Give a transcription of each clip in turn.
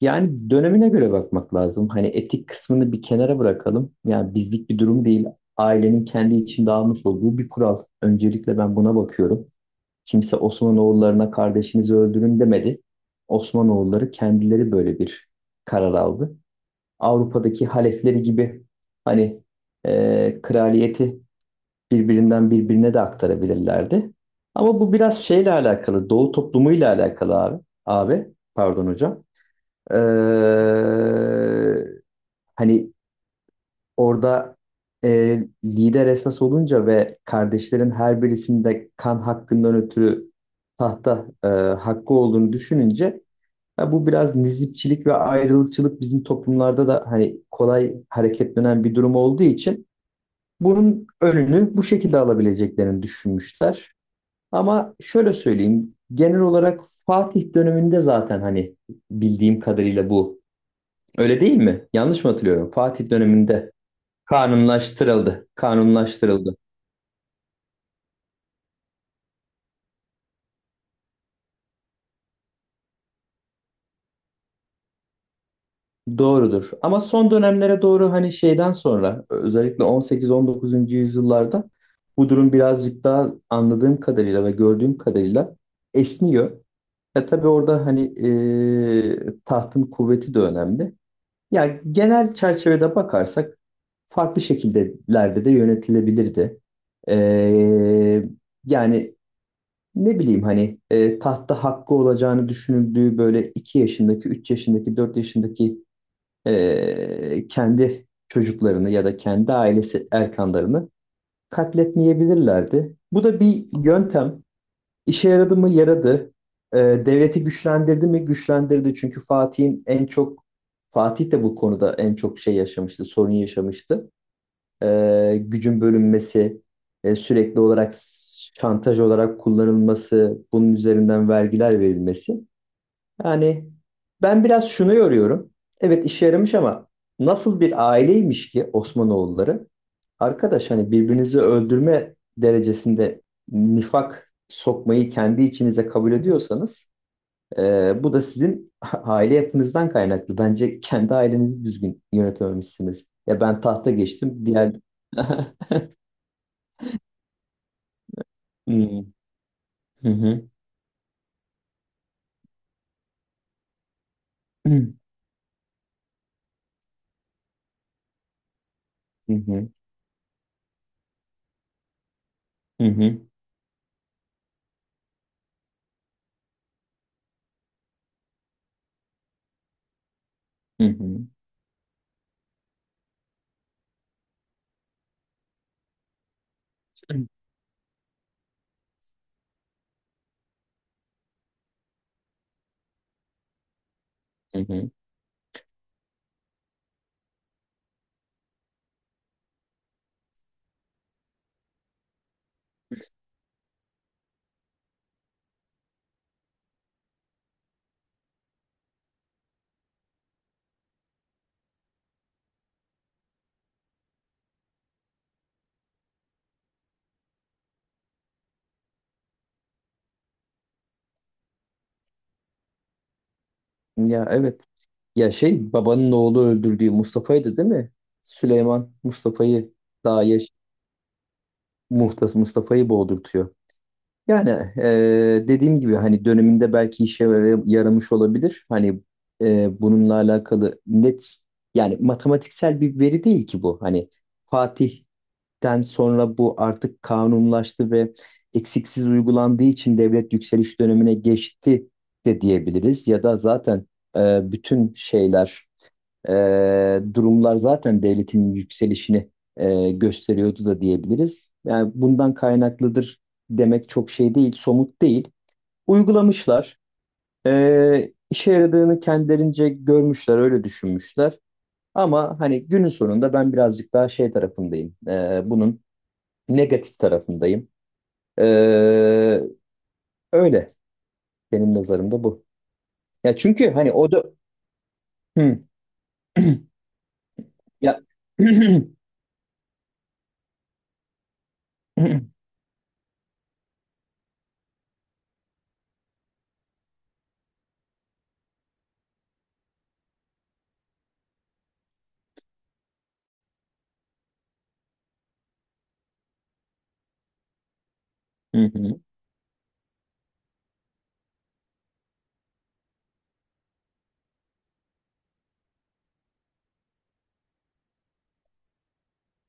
Yani dönemine göre bakmak lazım. Hani etik kısmını bir kenara bırakalım. Yani bizlik bir durum değil. Ailenin kendi içinde almış olduğu bir kural. Öncelikle ben buna bakıyorum. Kimse Osmanoğullarına kardeşinizi öldürün demedi. Osmanoğulları kendileri böyle bir karar aldı. Avrupa'daki halefleri gibi hani kraliyeti birbirinden birbirine de aktarabilirlerdi. Ama bu biraz şeyle alakalı, Doğu toplumuyla alakalı abi. Abi, pardon hocam. Ee, hani orada lider esas olunca ve kardeşlerin her birisinde kan hakkından ötürü tahta hakkı olduğunu düşününce ha, bu biraz nizipçilik ve ayrılıkçılık bizim toplumlarda da hani kolay hareketlenen bir durum olduğu için bunun önünü bu şekilde alabileceklerini düşünmüşler. Ama şöyle söyleyeyim genel olarak Fatih döneminde zaten hani bildiğim kadarıyla bu öyle değil mi? Yanlış mı hatırlıyorum? Fatih döneminde kanunlaştırıldı. Kanunlaştırıldı. Doğrudur. Ama son dönemlere doğru hani şeyden sonra özellikle 18-19. Yüzyıllarda bu durum birazcık daha anladığım kadarıyla ve gördüğüm kadarıyla esniyor. Ya tabii orada hani tahtın kuvveti de önemli. Ya genel çerçevede bakarsak farklı şekillerde de yönetilebilirdi. Eee yani ne bileyim hani tahta hakkı olacağını düşünüldüğü böyle 2 yaşındaki, 3 yaşındaki, 4 yaşındaki kendi çocuklarını ya da kendi ailesi erkanlarını katletmeyebilirlerdi. Bu da bir yöntem. İşe yaradı mı? Yaradı. Devleti güçlendirdi mi? Güçlendirdi. Çünkü Fatih'in en çok Fatih de bu konuda en çok şey yaşamıştı, sorun yaşamıştı gücün bölünmesi, sürekli olarak şantaj olarak kullanılması, bunun üzerinden vergiler verilmesi. Yani ben biraz şunu yoruyorum. Evet işe yaramış ama nasıl bir aileymiş ki Osmanoğulları? Arkadaş hani birbirinizi öldürme derecesinde nifak sokmayı kendi içinize kabul ediyorsanız bu da sizin aile yapınızdan kaynaklı. Bence kendi ailenizi düzgün yönetememişsiniz. Ya ben tahta geçtim. Diğer Hmm. Hı hı. Hı hı. Hı hı. Hı hı. Hı hı. Ya evet. Ya şey babanın oğlu öldürdüğü Mustafa'ydı değil mi? Süleyman Mustafa'yı Daeş Muhtas Mustafa'yı boğdurtuyor. Yani dediğim gibi hani döneminde belki yaramış olabilir. Hani bununla alakalı net yani matematiksel bir veri değil ki bu. Hani Fatih Den sonra bu artık kanunlaştı ve eksiksiz uygulandığı için devlet yükseliş dönemine geçti de diyebiliriz. Ya da zaten bütün şeyler, e, durumlar zaten devletin yükselişini gösteriyordu da diyebiliriz. Yani bundan kaynaklıdır demek çok şey değil, somut değil. Uygulamışlar. E, işe yaradığını kendilerince görmüşler, öyle düşünmüşler. Ama hani günün sonunda ben birazcık daha şey tarafındayım. Bunun negatif tarafındayım. Ee, öyle benim nazarımda bu. Ya çünkü hani o da hı. Ya. Hı hı,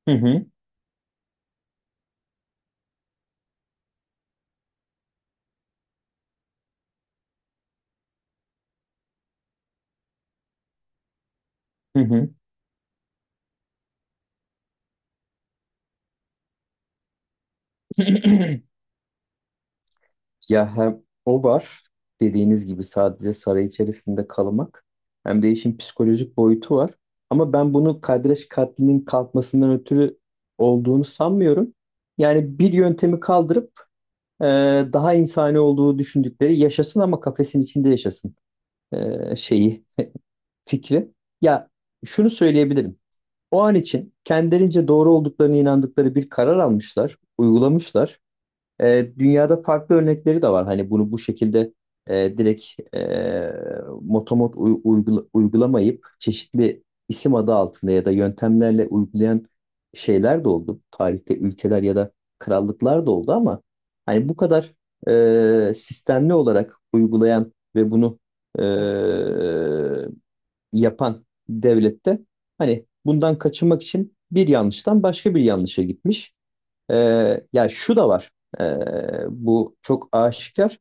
hı hı, hı hı. Ya hem o var dediğiniz gibi sadece saray içerisinde kalmak hem de işin psikolojik boyutu var. Ama ben bunu Kadreş katlinin kalkmasından ötürü olduğunu sanmıyorum. Yani bir yöntemi kaldırıp e, daha insani olduğu düşündükleri yaşasın ama kafesin içinde yaşasın şeyi fikri. Ya şunu söyleyebilirim. O an için kendilerince doğru olduklarını inandıkları bir karar almışlar, uygulamışlar. Dünyada farklı örnekleri de var. Hani bunu bu şekilde direkt motomot uygulamayıp çeşitli isim adı altında ya da yöntemlerle uygulayan şeyler de oldu. Tarihte ülkeler ya da krallıklar da oldu ama hani bu kadar sistemli olarak uygulayan ve bunu e, yapan devlette hani bundan kaçınmak için bir yanlıştan başka bir yanlışa gitmiş. Ya yani şu da var. Ee, bu çok aşikar.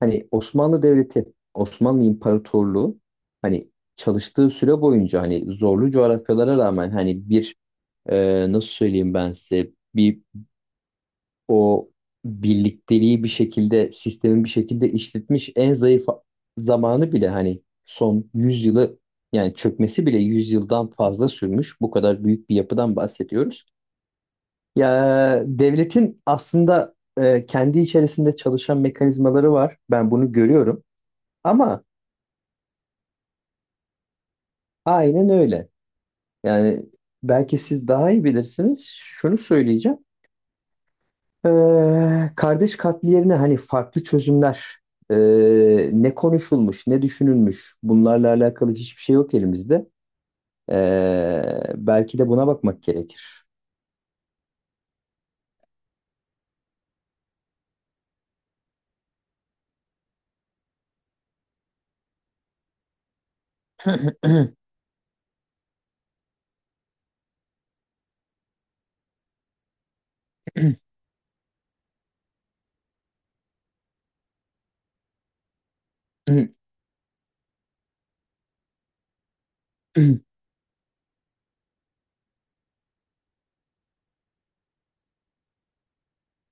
Hani Osmanlı Devleti, Osmanlı İmparatorluğu hani çalıştığı süre boyunca hani zorlu coğrafyalara rağmen hani bir nasıl söyleyeyim ben size bir o birlikteliği bir şekilde sistemin bir şekilde işletmiş en zayıf zamanı bile hani son 100 yılı yani çökmesi bile 100 yıldan fazla sürmüş. Bu kadar büyük bir yapıdan bahsediyoruz. Ya devletin aslında kendi içerisinde çalışan mekanizmaları var. Ben bunu görüyorum. Ama aynen öyle. Yani belki siz daha iyi bilirsiniz. Şunu söyleyeceğim. Kardeş katli yerine hani farklı çözümler ne konuşulmuş ne düşünülmüş bunlarla alakalı hiçbir şey yok elimizde. Belki de buna bakmak gerekir.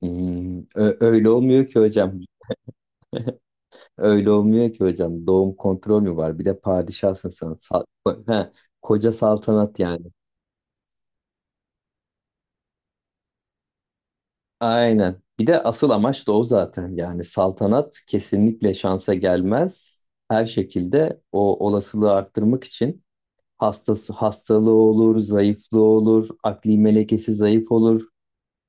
Öyle olmuyor ki hocam. Öyle olmuyor ki hocam. Doğum kontrol mü var? Bir de padişahsın sen. Ha, koca saltanat yani. Aynen. Bir de asıl amaç da o zaten. Yani saltanat kesinlikle şansa gelmez. Her şekilde o olasılığı arttırmak için hastası hastalığı olur, zayıflığı olur, akli melekesi zayıf olur.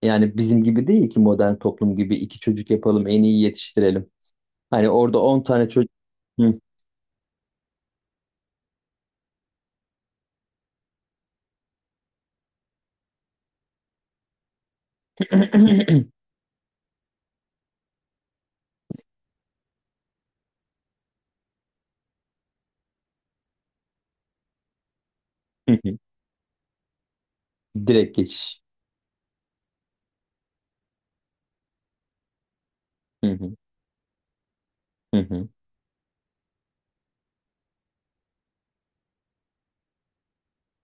Yani bizim gibi değil ki modern toplum gibi iki çocuk yapalım, en iyi yetiştirelim. Hani orada 10 tane çocuk. Hı. Direkt geçiş. Hı hı, hı hı,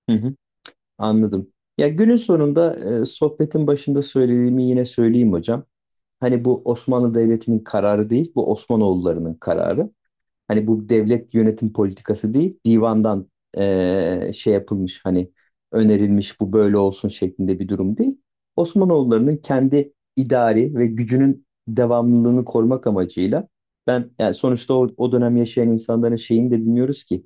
hı hı. Anladım. Ya günün sonunda sohbetin başında söylediğimi yine söyleyeyim hocam. Hani bu Osmanlı Devleti'nin kararı değil, bu Osmanoğullarının kararı. Hani bu devlet yönetim politikası değil, divandan şey yapılmış hani önerilmiş bu böyle olsun şeklinde bir durum değil. Osmanoğullarının kendi idari ve gücünün devamlılığını korumak amacıyla ben yani sonuçta o dönem yaşayan insanların şeyini de bilmiyoruz ki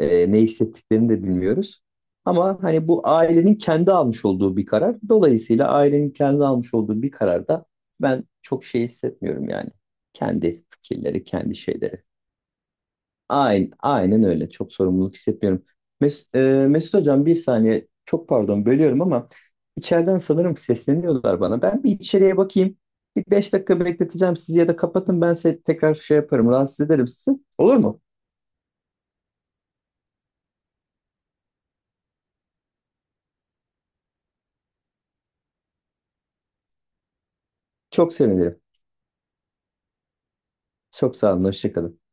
ne hissettiklerini de bilmiyoruz. Ama hani bu ailenin kendi almış olduğu bir karar. Dolayısıyla ailenin kendi almış olduğu bir kararda ben çok şey hissetmiyorum yani. Kendi fikirleri, kendi şeyleri. Aynen, aynen öyle. Çok sorumluluk hissetmiyorum. Mes e, Mesut Hocam bir saniye. Çok pardon bölüyorum ama içeriden sanırım sesleniyorlar bana. Ben bir içeriye bakayım. Bir 5 dakika bekleteceğim sizi ya da kapatın ben size tekrar şey yaparım. Rahatsız ederim sizi. Olur mu? Çok sevinirim. Çok sağ olun. Hoşça kalın.